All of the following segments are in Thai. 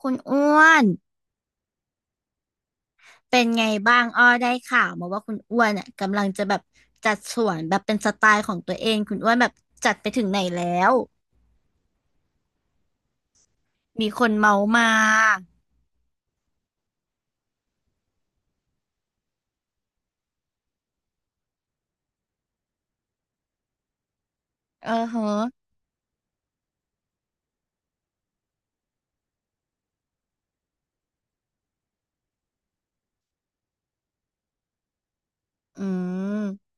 คุณอ้วนเป็นไงบ้างอ้อได้ข่าวมาว่าคุณอ้วนอ่ะกำลังจะแบบจัดสวนแบบเป็นสไตล์ของตัวเองคุณอ้วนแบบจัดไปถึงไหนแล้วมีคนเมามาเออเหอะอืม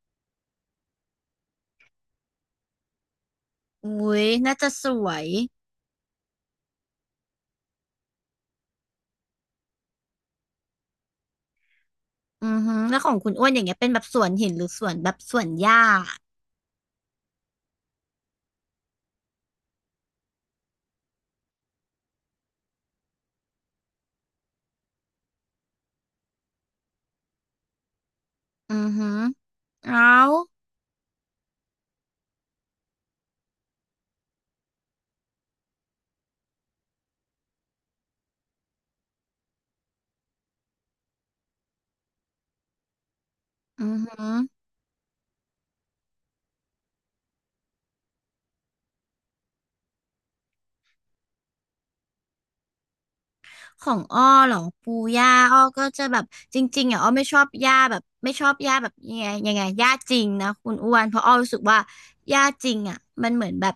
อุ้ยน่าจะสวยอือฮึอแล้วของคุณอ้วนอย่างเงี้ยเป็นแบบสวนหินหรือสวนแบบสวนหญ้าอือฮึอเอาอือฮึ ของอ้อเหรอปูย่าอ้อก็จะแบบจริงๆอ่ะอ้อไม่ชอบย่าแบบไม่ชอบย่าแบบยังไงย่าจริงนะคุณอ้วนเพราะอ้อรู้สึกว่าย่าจริงอ่ะมันเหมือนแบบ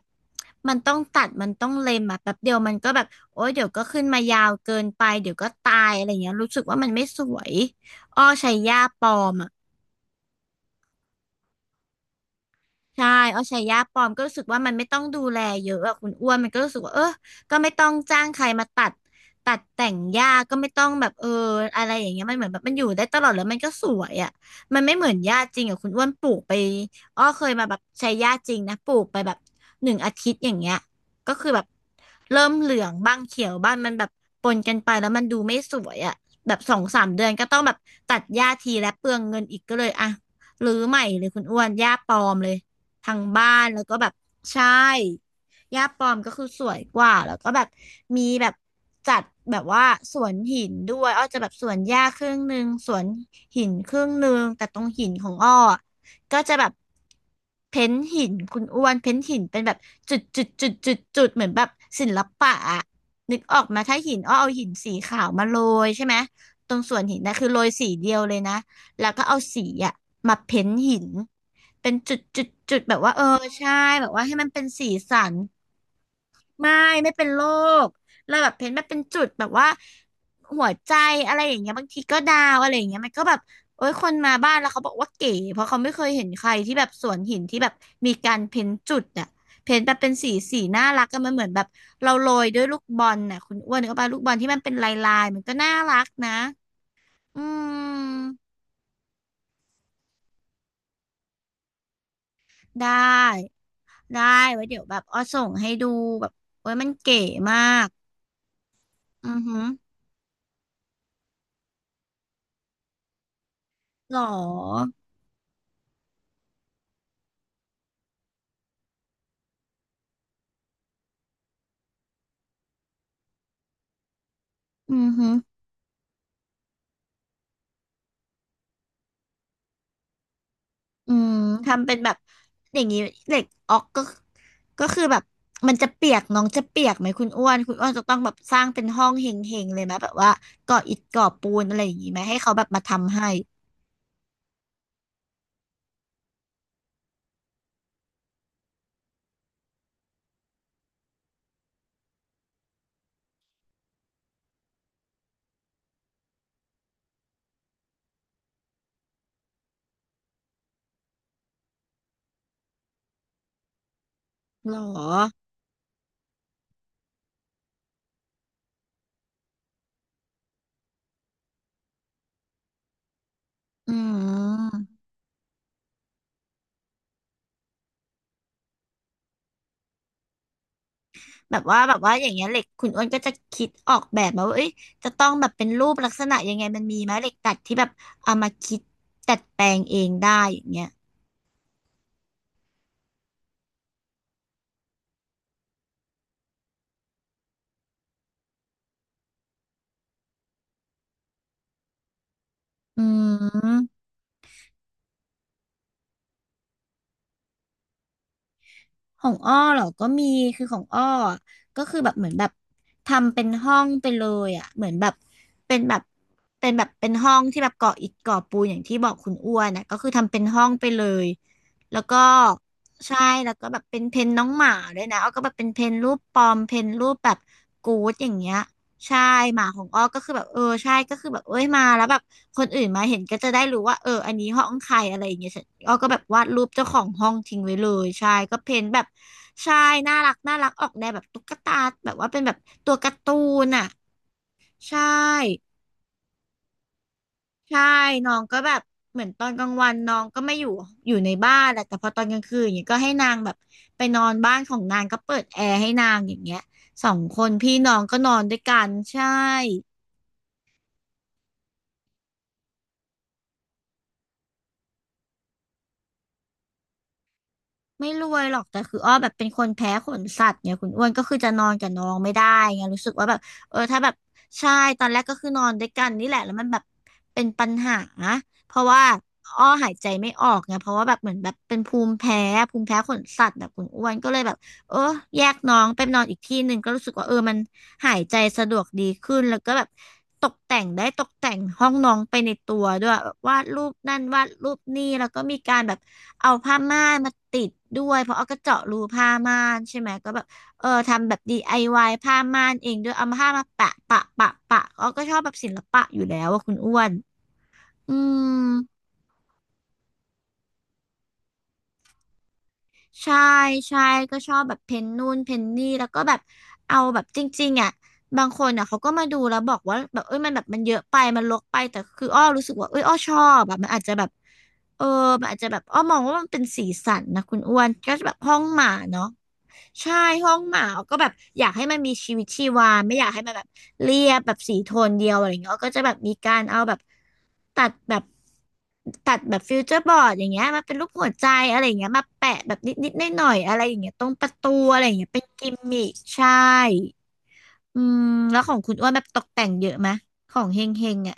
มันต้องตัดมันต้องเล็มอ่ะแป๊บเดียวมันก็แบบโอ๊ยเดี๋ยวก็ขึ้นมายาวเกินไปเดี๋ยวก็ตายอะไรเงี้ยรู้สึกว่ามันไม่สวยอ้อใช้ย่าปลอมอ่ะ ใช่เอาใช้ยาปลอมก็รู้สึกว่ามันไม่ต้องดูแลเยอะอะคุณอ้วนมันก็รู้สึกว่าเออก็ไม่ต้องจ้างใครมาตัดแต่งหญ้า ก็ไม่ต้องแบบเอออะไรอย่างเงี้ยมันเหมือนแบบมันอยู่ได้ตลอดแล้วมันก็สวยอะมันไม่เหมือนหญ้าจริงอะคุณอ้วนปลูกไปอ้อเคยมาแบบใช้หญ้าจริงนะปลูกไปแบบหนึ่งอาทิตย์อย่างเงี้ยก็คือแบบเริ่มเหลืองบ้างเขียวบ้างมันแบบปนกันไปแล้วมันดูไม่สวยอะแบบสองสามเดือนก็ต้องแบบตัดหญ้าทีและเปลืองเงินอีกก็เลยอะรื้อใหม่เลยคุณอ้วนหญ้าปลอมเลย ทางบ้านแล้วก็แบบใช่ย่าปอมก็คือสวยกว่าแล้วก็แบบมีแบบจัดแบบว่าสวนหินด้วยอ้อจะแบบสวนหญ้าครึ่งหนึ่งสวนหินครึ่งหนึ่งแต่ตรงหินของอ้ออะก็จะแบบเพ้นท์หินคุณอ้วนเพ้นท์หินเป็นแบบจุดจุดจุดจุดจุดเหมือนแบบศิลปะอะนึกออกมาถ้าหินอ้อเอาหินสีขาวมาโรยใช่ไหมตรงสวนหินนะคือโรยสีเดียวเลยนะ แล้วก็เอาสีอะมาเพ้นท์หินเป็นจุดจุดจุดแบบว่าเออใช่แบบว่าให้มันเป็นสีสันไม่ไม่เป็นโรคเราแบบเพ้นท์มาเป็นจุดแบบว่าหัวใจอะไรอย่างเงี้ยบางทีก็ดาวอะไรอย่างเงี้ยมันก็แบบโอ้ยคนมาบ้านแล้วเขาบอกว่าเก๋เพราะเขาไม่เคยเห็นใครที่แบบสวนหินที่แบบมีการเพ้นท์จุดอะเพ้นท์แบบเป็นสีน่ารักก็มันเหมือนแบบเราโรยด้วยลูกบอลน่ะคุณอ้วนนึก็ปาลูกบอลที่มันเป็นลายมันก็น่ารักนะอืมได้ ได้ไว้เดี๋ยวแบบอ้อส่งให้ดูแบบเว้ยมันเก๋มากอือหือหรออือหืออืมทำเป็นแบบอย่างนี้เหล็กออกก็คือแบบมันจะเปียกน้องจะเปียกไหมคุณอ้วนคุณอ้วนจะต้องแบบสร้างเป็นห้องเฮงๆเลยไหมแบบว่าก่ออิฐก่อปูนอะไรอย่างนี้ไหมให้เขาแบบมาทำให้หรออืม แบบว่าอย่างเงี้ยเหล็กคุณอ้วนก็จะคิดออกแบบมาว่าเอ้ยจะต้องแบบเป็นรูปลักษณะยังไงมันมีไหมเหล็กดัดที่แบบเอามาคิดดัดแปลงเองได้อย่างเงี้ยอืม ของอ้อเหรอก็มีคือของอ้ออะก็คือแบบเหมือนแบบทำเป็นห้องไปเลยอ่ะเหมือนแบบเป็นแบบเป็นห้องที่แบบก่ออิฐก่อปูนอย่างที่บอกคุณอ้วนนะก็คือทำเป็นห้องไปเลยแล้วก็ใช่แล้วก็แบบเป็นเพนน้องหมาด้วยนะอ้อก็แบบเป็นเพนรูปปอมเพนรูปแบบกู๊ดอย่างเงี้ยใช่หมาของอ้อก็คือแบบเออใช่ก็คือแบบเอ้ยมาแล้วแบบ คนอื่นมาเห็นก็จะได้รู้ว่าเอออันนี้ห้องใครอะไรอย่างเงี้ยอ้อก็แบบวาดรูปเจ้าของห้องทิ้งไว้เลยใช่ก็เพ้นท์แบบใช่น่ารักน่ารักออกแนวแบบตุ๊กตาแบบว่าเป็นแบบตัวการ์ตูนอ่ะใช่ใช่น้องก็แบบเหมือนตอนกลางวันน้องก็ไม่อยู่อยู่ในบ้านแหละแต่พอตอนกลางคืนอย่างเงี้ยก็ให้นางแบบไปนอนบ้านของนางก็เปิดแอร์ให้นางอย่างเงี้ยสองคนพี่น้องก็นอนด้วยกันใช่ ไม่รวยหรอกแต่คืออ้อแบบเป็นคนแพ้ขนสัตว์เนี่ยคุณอ้วนก็คือจะนอนกับน้องไม่ได้ไงรู้สึกว่าแบบเออถ้าแบบใช่ตอนแรกก็คือนอนด้วยกันนี่แหละแล้วมันแบบเป็นปัญหาเพราะว่าอ้อหายใจไม่ออกไงเพราะว่าแบบเหมือนแบบเป็นภูมิแพ้ภูมิแพ้ขนสัตว์แบบคุณอ้วนก็เลยแบบเออแยกน้องไปนอนอีกที่หนึ่งก็รู้สึกว่าเออมันหายใจสะดวกดีขึ้นแล้วก็แบบตกแต่งได้ตกแต่งห้องน้องไปในตัวด้วยแบบวาดรูปนั่นวาดรูปนี่แล้วก็มีการแบบ เอาผ้าม่านมาติดด้วยเพราะเอาก็เจาะรูผ้าม่านใช่ไหมก็แบบเออทำแบบ DIY ผ้าม่านเองด้วยเอาผ้ามาแปะปะปะปะเอาก็ชอบแบบศิลปะอยู่แล้วว่าคุณอ้วนอืมใช่ใช่ก็ชอบแบบเพนนู่นเพนนี่แล้วก็แบบเอาแบบจริงๆอ่ะบางคนอ่ะเขาก็มาดูแล้วบอกว่าแบบเอ้ยมันแบบมันเยอะไปมันรกไปแต่คืออ้อรู้สึกว่าเอ้ยอ้อชอบแบบมันอาจจะแบบเออมันอาจจะแบบอ้อมองว่ามันเป็นสีสันนะคุณอ้วนก็แบบห้องหมาเนาะ ใช่ห้องหมาก็แบบอยากให้มันมีชีวิตชีวาไม่อยากให้มันแบบเรียบแบบสีโทนเดียวอะไรเงี้ยก็จะแบบมีการเอาแบบตัดแบบตัดแบบฟิวเจอร์บอร์ดอย่างเงี้ยมาเป็นรูปหัวใจอะไรอย่างเงี้ยมาแปะแบบนิดๆหน่อยๆอะไรอย่างเงี้ยตรงประตูอะไรอย่างเงี้ยเป็นกิมมิคใช่อืมแล้วของคุณอ้วนแบบตกแต่งเยอะไหมของเฮงเฮงอ่ะ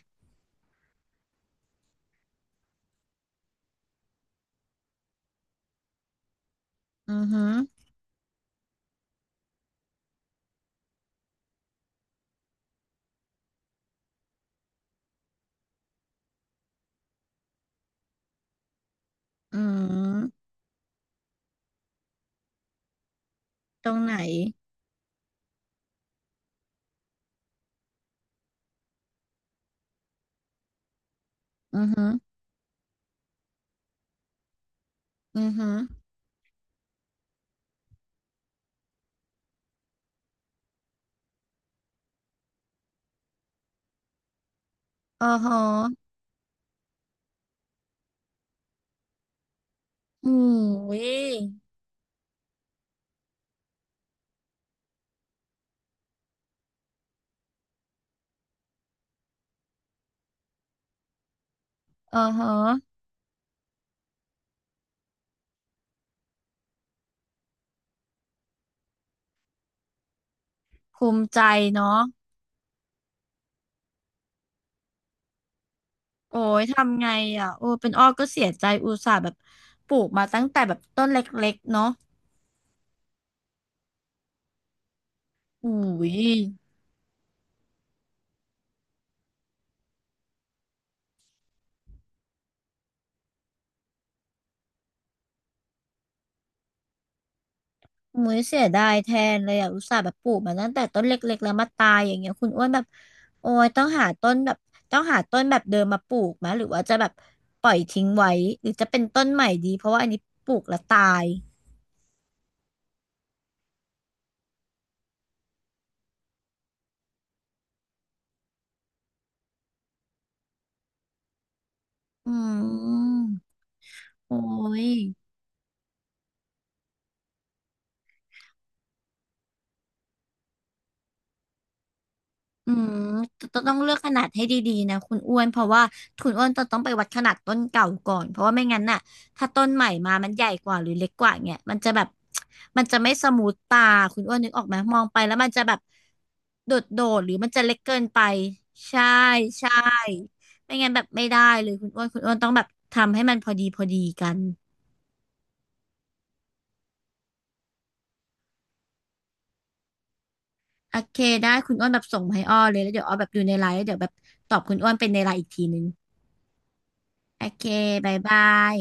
อือหืออืมตรงไหนอือหืออือหืออ๋อฮะอืมอุ้ยอ๋อฮะ ภูมิใจเนาะโอ้ยทำไงอ่ะโอ้เป็นอ้อก็เสียใจอุตส่าห์แบบปลูกมาตั้งแต่แบบต้นเล็กๆเนาะอุ้ยมุ้ยเสียดายแทนเลยอ่ะอุตส่าห์แบบปลูกมาตั้งแต่ต้นเล็กๆแล้วมาตายอย่างเงี้ยคุณอ้วนแบบโอ้ยต้องหาต้นแบบต้องหาต้นแบบเดิมมาปลูกไหมหรือว่าจะแบบปล่อยทิ้งไว้หรือจะเป็นต้นใหม่ดีเพราะว่าอันนี้ปลูกแล้วตายอืมโอ้ย อืมตต้องเลือกขนาดให้ดีๆนะคุณอ้วนเพราะว่าคุณอ้วนจะต้องไปวัดขนาดต้นเก่าก่อนเพราะว่าไม่งั้นน่ะถ้าต้นใหม่มามันใหญ่กว่าหรือเล็กกว่าเงี้ยมันจะแบบมันจะไม่สมูทตาคุณอ้วนนึกออกไหมมองไปแล้วมันจะแบบโดดหรือมันจะเล็กเกินไปใช่ใช่ไม่งั้นแบบไม่ได้เลยคุณอ้วนคุณอ้วนต้องแบบทำให้มันพอดีกันโอเคได้คุณอ้วนแบบส่งมาให้อ้อเลยแล้วเดี๋ยวอ้อแบบดูในไลน์แล้วเดี๋ยวแบบตอบคุณอ้วนเป็นในไลน์อีกทีนึงโอเคบายบาย